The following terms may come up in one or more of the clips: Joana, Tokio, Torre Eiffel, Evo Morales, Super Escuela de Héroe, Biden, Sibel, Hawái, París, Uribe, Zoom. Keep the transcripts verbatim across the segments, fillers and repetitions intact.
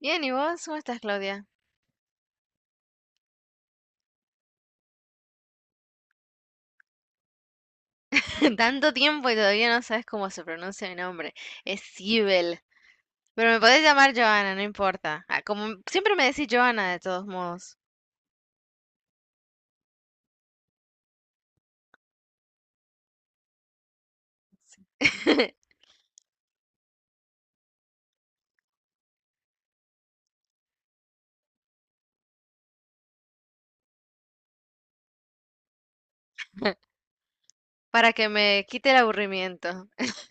Bien, ¿y vos? ¿Cómo estás, Claudia? Tanto tiempo y todavía no sabes cómo se pronuncia mi nombre. Es Sibel. Pero me podés llamar Joana, no importa. Ah, como m- siempre me decís Joana, de todos modos. Para que me quite el aburrimiento.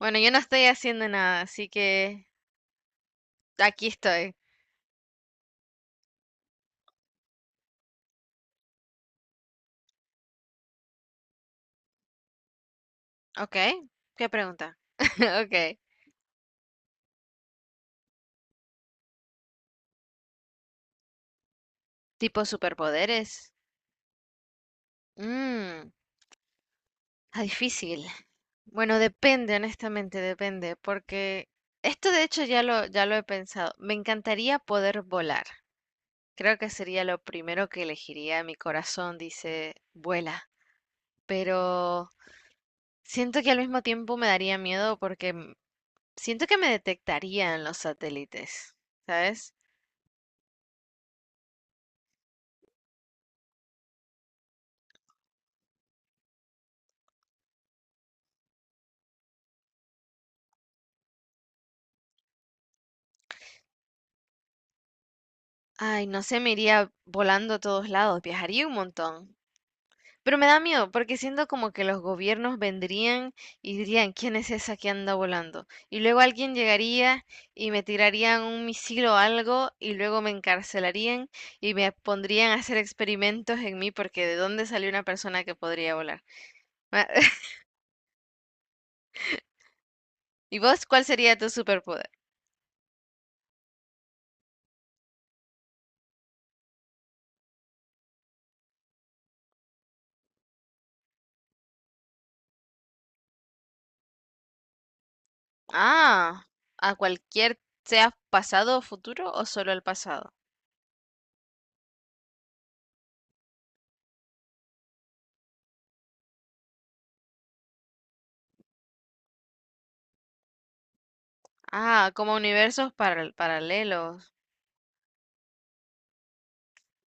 Bueno, yo no estoy haciendo nada, así que aquí estoy. ¿Ok? ¿Qué pregunta? Ok. ¿Tipo superpoderes? Mm. Ah, difícil. Bueno, depende, honestamente, depende, porque esto de hecho ya lo, ya lo he pensado. Me encantaría poder volar. Creo que sería lo primero que elegiría. Mi corazón dice, vuela. Pero siento que al mismo tiempo me daría miedo porque m- siento que me detectarían los satélites, ¿sabes? Ay, no sé, me iría volando a todos lados, viajaría un montón. Pero me da miedo porque siento como que los gobiernos vendrían y dirían, ¿quién es esa que anda volando? Y luego alguien llegaría y me tirarían un misil o algo y luego me encarcelarían y me pondrían a hacer experimentos en mí porque ¿de dónde salió una persona que podría volar? Ma- ¿Y vos cuál sería tu superpoder? Ah, a cualquier, sea pasado o futuro o solo al pasado. Ah, como universos paral- paralelos.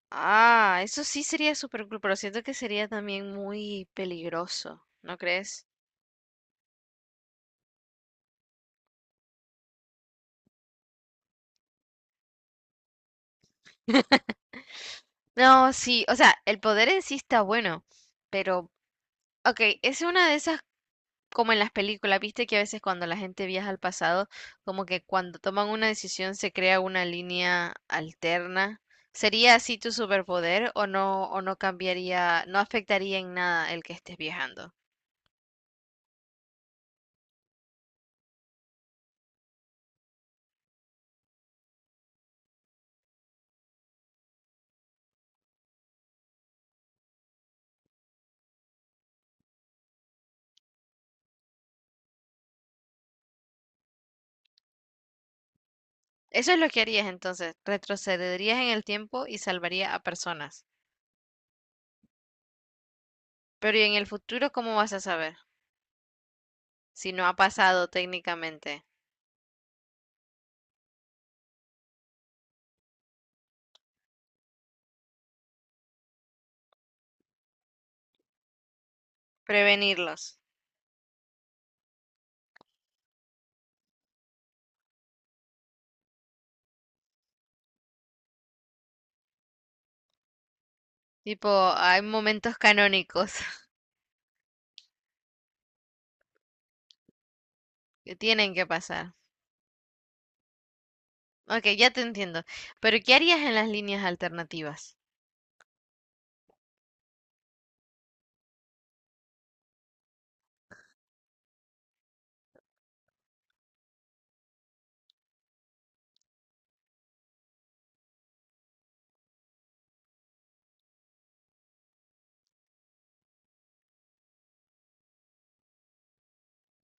Ah, eso sí sería súper cool, pero siento que sería también muy peligroso, ¿no crees? No, sí, o sea, el poder en sí está bueno, pero, ok, es una de esas, como en las películas, viste que a veces cuando la gente viaja al pasado, como que cuando toman una decisión se crea una línea alterna. ¿Sería así tu superpoder o no, o no cambiaría, no afectaría en nada el que estés viajando? Eso es lo que harías entonces, retrocederías en el tiempo y salvaría a personas. Pero ¿y en el futuro cómo vas a saber? Si no ha pasado técnicamente. Prevenirlos. Tipo, hay momentos canónicos que tienen que pasar. Ok, ya te entiendo. Pero ¿qué harías en las líneas alternativas?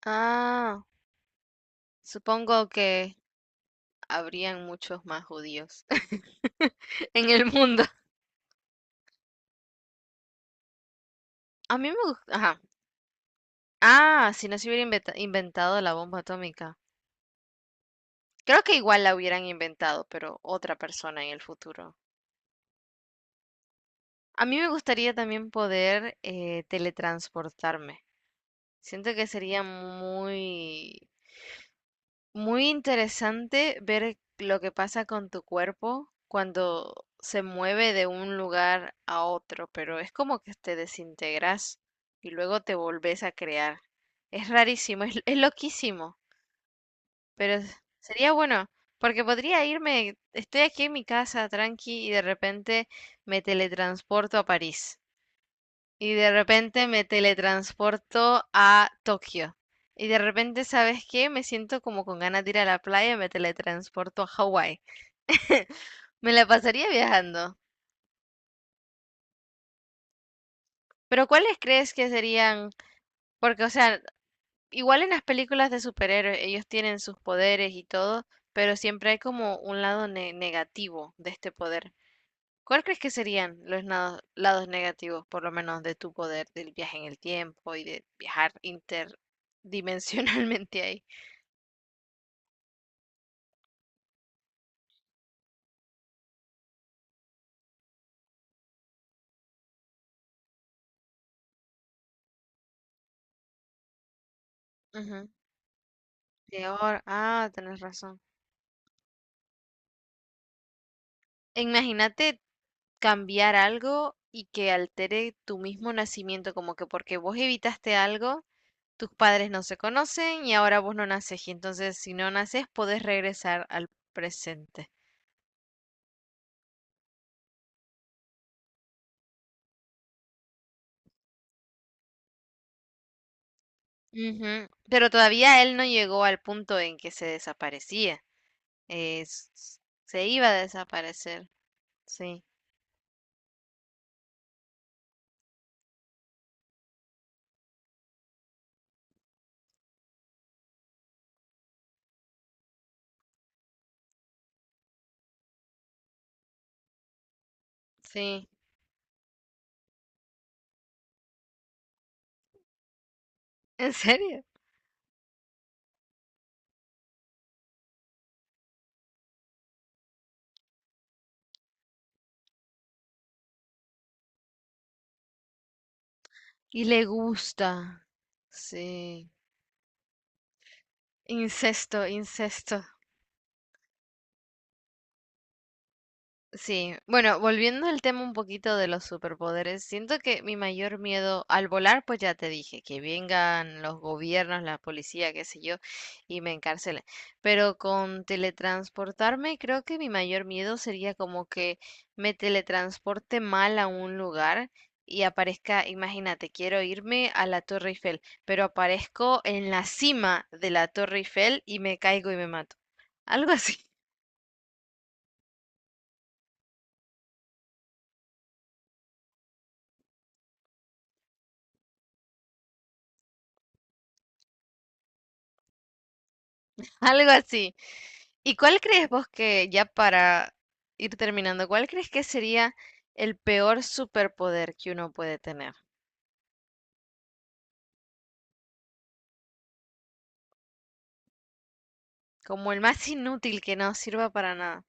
Ah, supongo que habrían muchos más judíos en el mundo. A mí me gusta... Ajá. Ah, si no se hubiera inventa- inventado la bomba atómica. Creo que igual la hubieran inventado, pero otra persona en el futuro. A mí me gustaría también poder eh, teletransportarme. Siento que sería muy, muy interesante ver lo que pasa con tu cuerpo cuando se mueve de un lugar a otro, pero es como que te desintegras y luego te volvés a crear. Es rarísimo, es, es loquísimo, pero es- sería bueno, porque podría irme, estoy aquí en mi casa tranqui y de repente me teletransporto a París. Y de repente me teletransporto a Tokio. Y de repente, ¿sabes qué? Me siento como con ganas de ir a la playa y me teletransporto a Hawái. Me la pasaría viajando. Pero ¿cuáles crees que serían? Porque, o sea, igual en las películas de superhéroes ellos tienen sus poderes y todo, pero siempre hay como un lado ne- negativo de este poder. ¿Cuál crees que serían los nado- lados negativos, por lo menos, de tu poder, del viaje en el tiempo y de viajar interdimensionalmente ahí? Ujú, peor. Ah, tenés razón. Imagínate cambiar algo y que altere tu mismo nacimiento, como que porque vos evitaste algo, tus padres no se conocen y ahora vos no naces. Y entonces, si no naces, podés regresar al presente. Ujú, pero todavía él no llegó al punto en que se desaparecía. Es- se iba a desaparecer. Sí, sí. ¿En serio? Y le gusta. Sí. Incesto, incesto. Sí, bueno, volviendo al tema un poquito de los superpoderes, siento que mi mayor miedo al volar, pues ya te dije, que vengan los gobiernos, la policía, qué sé yo, y me encarcelen. Pero con teletransportarme, creo que mi mayor miedo sería como que me teletransporte mal a un lugar y aparezca, imagínate, quiero irme a la Torre Eiffel, pero aparezco en la cima de la Torre Eiffel y me caigo y me mato. Algo así. Algo así. ¿Y cuál crees vos que, ya para ir terminando, cuál crees que sería el peor superpoder que uno puede tener? Como el más inútil que no sirva para nada.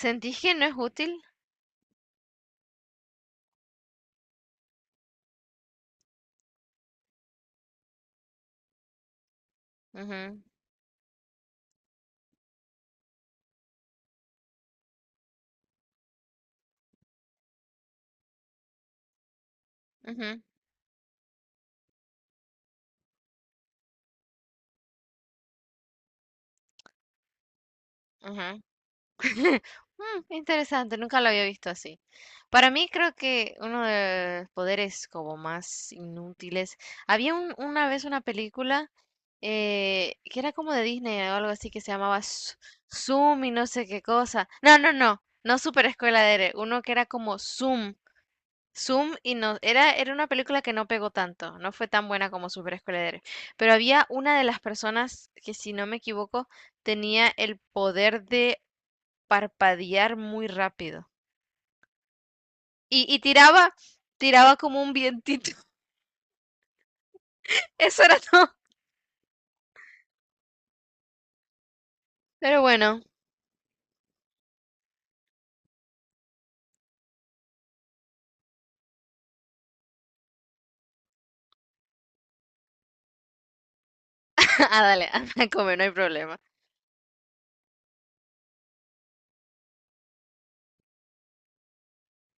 ¿Sentís que no es útil? Ujú, ujú, ujú. Mm, interesante, nunca lo había visto así. Para mí creo que uno de los poderes como más inútiles. Había un- una vez una película eh, que era como de Disney o algo así que se llamaba Su- Zoom y no sé qué cosa. No, no, no, no Super Escuela de Héroe, uno que era como Zoom. Zoom y no, era, era una película que no pegó tanto, no fue tan buena como Super Escuela de Héroe. Pero había una de las personas que, si no me equivoco, tenía el poder de parpadear muy rápido. Y, y tiraba, tiraba como un vientito. Eso era todo. Pero bueno, a dale, anda a comer, no hay problema.